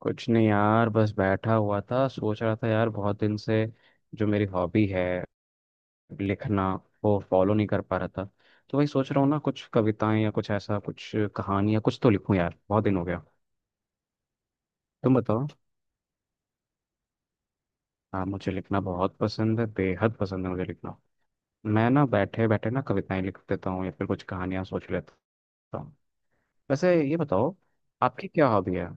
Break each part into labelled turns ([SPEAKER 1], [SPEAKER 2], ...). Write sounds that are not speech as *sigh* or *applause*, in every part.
[SPEAKER 1] कुछ नहीं यार, बस बैठा हुआ था। सोच रहा था यार, बहुत दिन से जो मेरी हॉबी है, लिखना, वो फॉलो नहीं कर पा रहा था। तो वही सोच रहा हूँ ना, कुछ कविताएं या कुछ ऐसा, कुछ कहानी या कुछ तो लिखूं यार, बहुत दिन हो गया। तुम बताओ। हाँ, मुझे लिखना बहुत पसंद है, बेहद पसंद है मुझे लिखना। मैं ना बैठे बैठे ना कविताएं लिख देता हूँ, या फिर कुछ कहानियां सोच लेता हूँ। वैसे ये बताओ, आपकी क्या हॉबी है।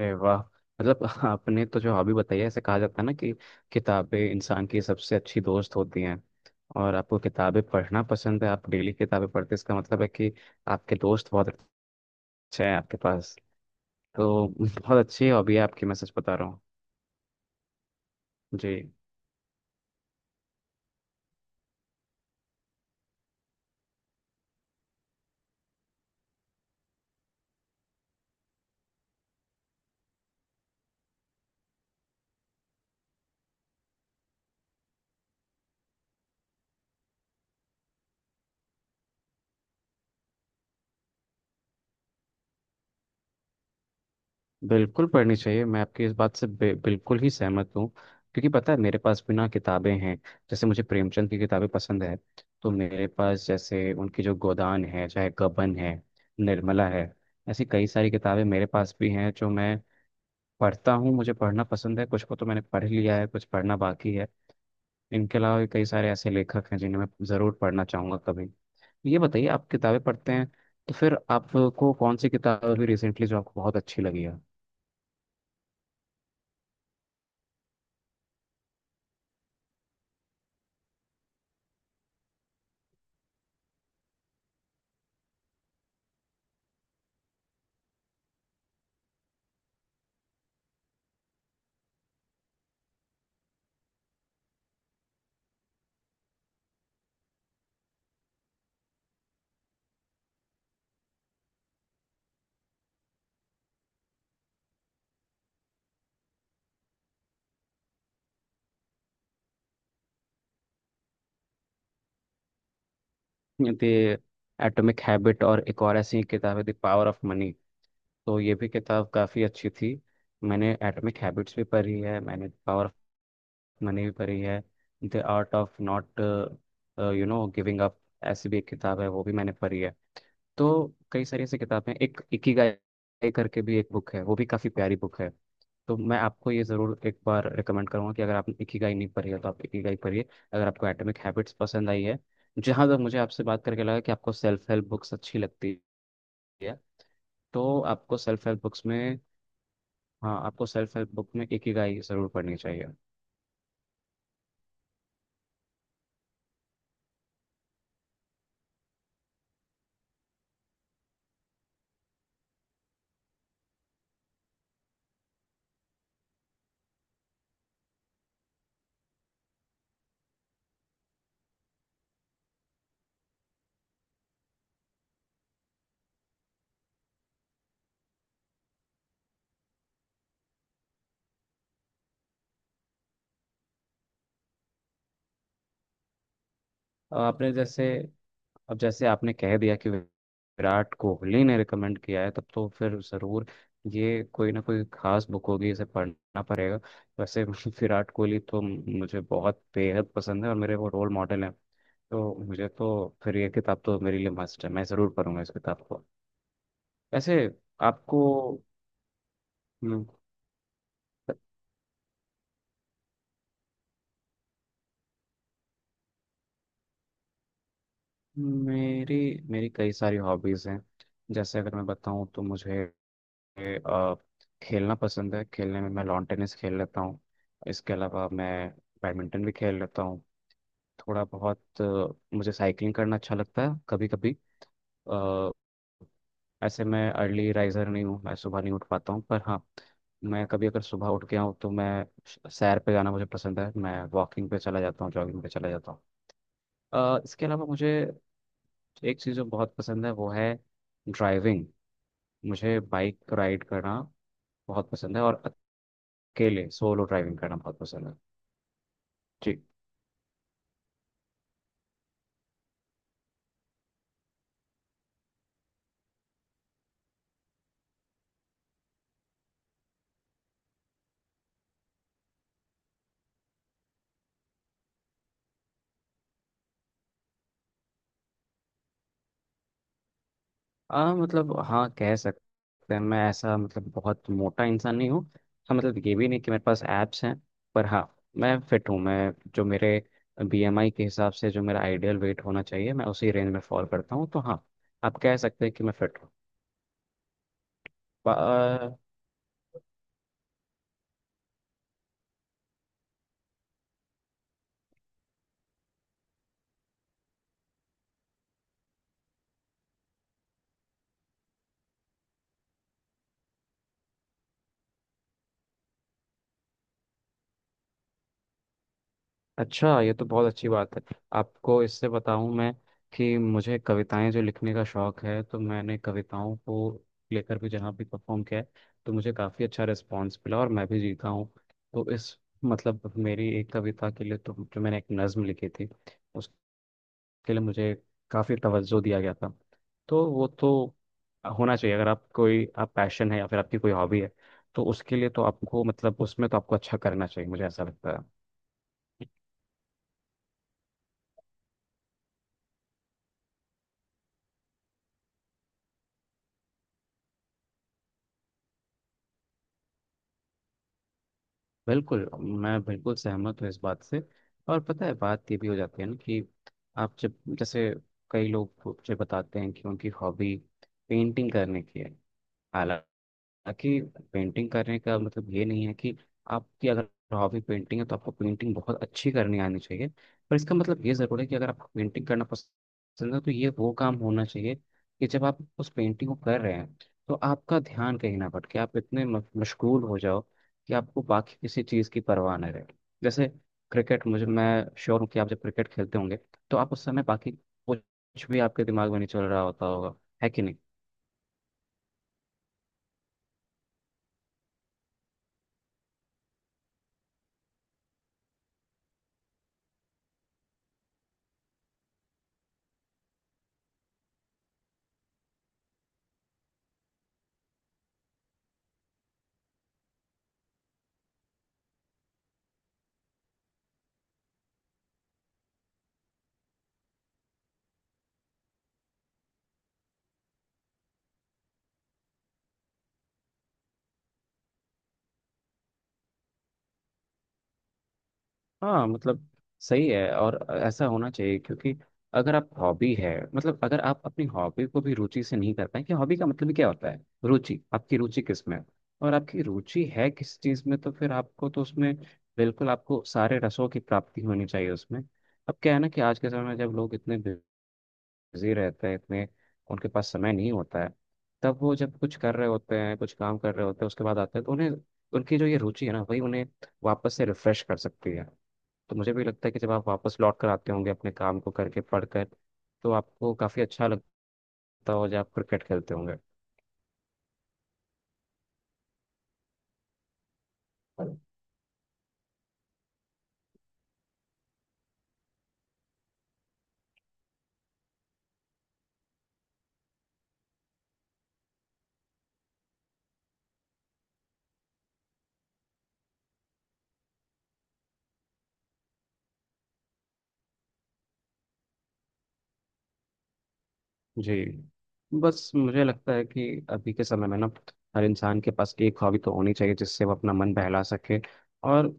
[SPEAKER 1] अरे वाह, मतलब *laughs* आपने तो जो हॉबी बताई है, ऐसे कहा जाता है ना कि किताबें इंसान की सबसे अच्छी दोस्त होती हैं। और आपको किताबें पढ़ना पसंद है, आप डेली किताबें पढ़ते हैं, इसका मतलब है कि आपके दोस्त बहुत अच्छे हैं आपके पास। तो *laughs* बहुत अच्छी हॉबी है आपकी, मैं सच बता रहा हूँ। जी, बिल्कुल पढ़नी चाहिए। मैं आपकी इस बात से बिल्कुल ही सहमत हूँ, क्योंकि पता है मेरे पास भी ना किताबें हैं। जैसे मुझे प्रेमचंद की किताबें पसंद है, तो मेरे पास जैसे उनकी जो गोदान है, चाहे गबन है, निर्मला है, ऐसी कई सारी किताबें मेरे पास भी हैं, जो मैं पढ़ता हूँ। मुझे पढ़ना पसंद है, कुछ को तो मैंने पढ़ लिया है, कुछ पढ़ना बाकी है। इनके अलावा भी कई सारे ऐसे लेखक हैं जिन्हें मैं ज़रूर पढ़ना चाहूँगा कभी। तो ये बताइए, आप किताबें पढ़ते हैं तो फिर आपको कौन सी किताब अभी रिसेंटली जो आपको बहुत अच्छी लगी है। द एटॉमिक हैबिट और एक और ऐसी किताब है द पावर ऑफ मनी, तो ये भी किताब काफ़ी अच्छी थी। मैंने एटॉमिक हैबिट्स भी पढ़ी है, मैंने पावर ऑफ मनी भी पढ़ी है। The art of not you know giving up, ऐसी भी एक किताब है, वो भी मैंने पढ़ी है। तो कई सारी ऐसी किताबें, एक इकिगाई करके भी एक बुक है, वो भी काफ़ी प्यारी बुक है। तो मैं आपको ये ज़रूर एक बार रिकमेंड करूंगा कि अगर आप इकिगाई नहीं पढ़ी है तो आप इकिगाई पढ़िए, अगर आपको एटॉमिक हैबिट्स पसंद आई है। जहाँ तक मुझे आपसे बात करके लगा कि आपको सेल्फ हेल्प बुक्स अच्छी लगती है। तो आपको सेल्फ हेल्प बुक्स में, हाँ, आपको सेल्फ हेल्प बुक में इकिगाई ज़रूर पढ़नी चाहिए। अब आपने जैसे, अब जैसे आपने कह दिया कि विराट कोहली ने रिकमेंड किया है, तब तो फिर ज़रूर ये कोई ना कोई खास बुक होगी, इसे पढ़ना पड़ेगा। वैसे *laughs* विराट कोहली तो मुझे बहुत बेहद पसंद है और मेरे वो रोल मॉडल हैं। तो मुझे तो फिर ये किताब तो मेरे लिए मस्ट है, मैं ज़रूर पढ़ूंगा इस किताब को। वैसे आपको हम्म, मेरी मेरी कई सारी हॉबीज़ हैं। जैसे अगर मैं बताऊं तो मुझे अ, खेलना पसंद है। खेलने में मैं लॉन टेनिस खेल लेता हूँ, इसके अलावा मैं बैडमिंटन भी खेल लेता हूँ। थोड़ा बहुत, मुझे साइकिलिंग करना अच्छा लगता है कभी कभी। ऐसे मैं अर्ली राइजर नहीं हूँ, मैं सुबह नहीं उठ पाता हूँ, पर हाँ, मैं कभी अगर सुबह उठ गया हूँ तो मैं सैर पे जाना मुझे पसंद है। मैं वॉकिंग पे चला जाता हूँ, जॉगिंग पे चला जाता हूँ। इसके अलावा मुझे एक चीज़ जो बहुत पसंद है वो है ड्राइविंग। मुझे बाइक राइड करना बहुत पसंद है, और अकेले सोलो ड्राइविंग करना बहुत पसंद है। जी। मतलब हाँ, कह सकते हैं, मैं ऐसा मतलब बहुत मोटा इंसान नहीं हूँ। हाँ मतलब ये भी नहीं कि मेरे पास एब्स हैं, पर हाँ, मैं फिट हूँ। मैं जो मेरे बीएमआई के हिसाब से जो मेरा आइडियल वेट होना चाहिए, मैं उसी रेंज में फॉल करता हूँ। तो हाँ, आप कह सकते हैं कि मैं फिट हूँ। अच्छा, ये तो बहुत अच्छी बात है। आपको इससे बताऊं मैं, कि मुझे कविताएं जो लिखने का शौक है, तो मैंने कविताओं को लेकर भी जहाँ भी परफॉर्म किया है, तो मुझे काफ़ी अच्छा रिस्पॉन्स मिला और मैं भी जीता हूँ। तो इस, मतलब मेरी एक कविता के लिए, तो जो मैंने एक नज़म लिखी थी, उसके लिए मुझे काफ़ी तवज्जो दिया गया था। तो वो तो होना चाहिए, अगर आप कोई आप पैशन है या फिर आपकी कोई हॉबी है तो उसके लिए तो आपको, मतलब उसमें तो आपको अच्छा करना चाहिए, मुझे ऐसा लगता है। बिल्कुल, मैं बिल्कुल सहमत हूँ इस बात से। और पता है बात ये भी हो जाती है ना कि आप जब, जैसे कई लोग मुझे बताते हैं कि उनकी हॉबी पेंटिंग करने की है। ताकि पेंटिंग करने का मतलब ये नहीं है कि आपकी अगर हॉबी पेंटिंग है तो आपको पेंटिंग बहुत अच्छी करनी आनी चाहिए। पर इसका मतलब ये ज़रूर है कि अगर आपको पेंटिंग करना पसंद है तो ये वो काम होना चाहिए कि जब आप उस पेंटिंग को कर रहे हैं तो आपका ध्यान कहीं ना भटके, आप इतने मशगूल हो जाओ कि आपको बाकी किसी चीज़ की परवाह न रहे। जैसे क्रिकेट, मुझे, मैं श्योर हूँ कि आप जब क्रिकेट खेलते होंगे तो आप उस समय बाकी कुछ भी आपके दिमाग में नहीं चल रहा होता होगा, है कि नहीं। हाँ, मतलब सही है, और ऐसा होना चाहिए, क्योंकि अगर आप हॉबी है, मतलब अगर आप अपनी हॉबी को भी रुचि से नहीं कर पाए, कि हॉबी का मतलब ही क्या होता है, रुचि, आपकी रुचि किस में है? और आपकी रुचि है किस चीज़ में, तो फिर आपको तो उसमें बिल्कुल आपको सारे रसों की प्राप्ति होनी चाहिए उसमें। अब क्या है ना कि आज के समय में जब लोग इतने बिजी रहते हैं, इतने, उनके पास समय नहीं होता है, तब वो जब कुछ कर रहे होते हैं, कुछ काम कर रहे होते हैं, उसके बाद आते हैं, तो उन्हें उनकी जो ये रुचि है ना वही उन्हें वापस से रिफ्रेश कर सकती है। तो मुझे भी लगता है कि जब आप वापस लौट कर आते होंगे अपने काम को करके, पढ़कर, तो आपको काफ़ी अच्छा लगता हो जब आप क्रिकेट खेलते होंगे। जी। बस मुझे लगता है कि अभी के समय में ना हर इंसान के पास एक हॉबी तो होनी चाहिए जिससे वो अपना मन बहला सके। और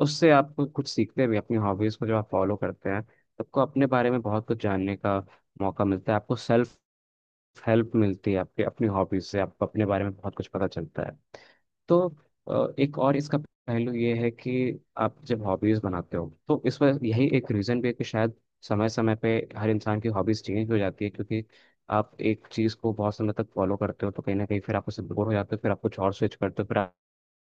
[SPEAKER 1] उससे आप कुछ सीखते भी, अपनी हॉबीज़ को जब आप फॉलो करते हैं तो आपको अपने बारे में बहुत कुछ जानने का मौका मिलता है। आपको सेल्फ हेल्प मिलती है, आपके अपनी हॉबीज से आपको अपने बारे में बहुत कुछ पता चलता है। तो एक और इसका पहलू ये है कि आप जब हॉबीज बनाते हो तो इस वजह यही एक रीजन भी है कि शायद समय समय पे हर इंसान की हॉबीज चेंज हो जाती है। क्योंकि आप एक चीज को बहुत समय तक फॉलो करते हो तो कहीं ना कहीं फिर आप उससे बोर हो जाते हो, फिर आप कुछ और स्विच करते हो, फिर आप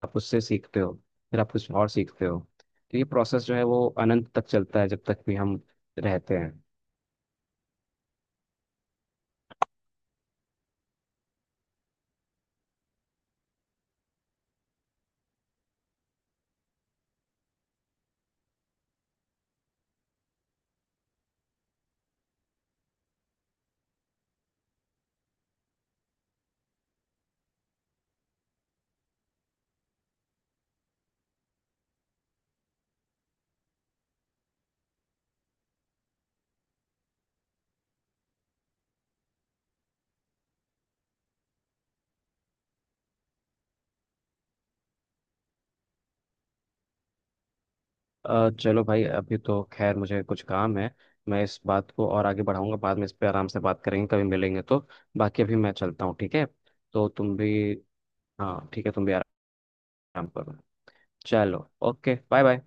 [SPEAKER 1] आप उससे सीखते हो, फिर आप कुछ और सीखते हो। तो ये प्रोसेस जो है वो अनंत तक चलता है, जब तक भी हम रहते हैं। चलो भाई, अभी तो खैर मुझे कुछ काम है। मैं इस बात को और आगे बढ़ाऊंगा, बाद में इस पे आराम से बात करेंगे, कभी मिलेंगे तो। बाकी अभी मैं चलता हूँ, ठीक है। तो तुम भी, हाँ ठीक है, तुम भी आराम करो। चलो, ओके बाय बाय।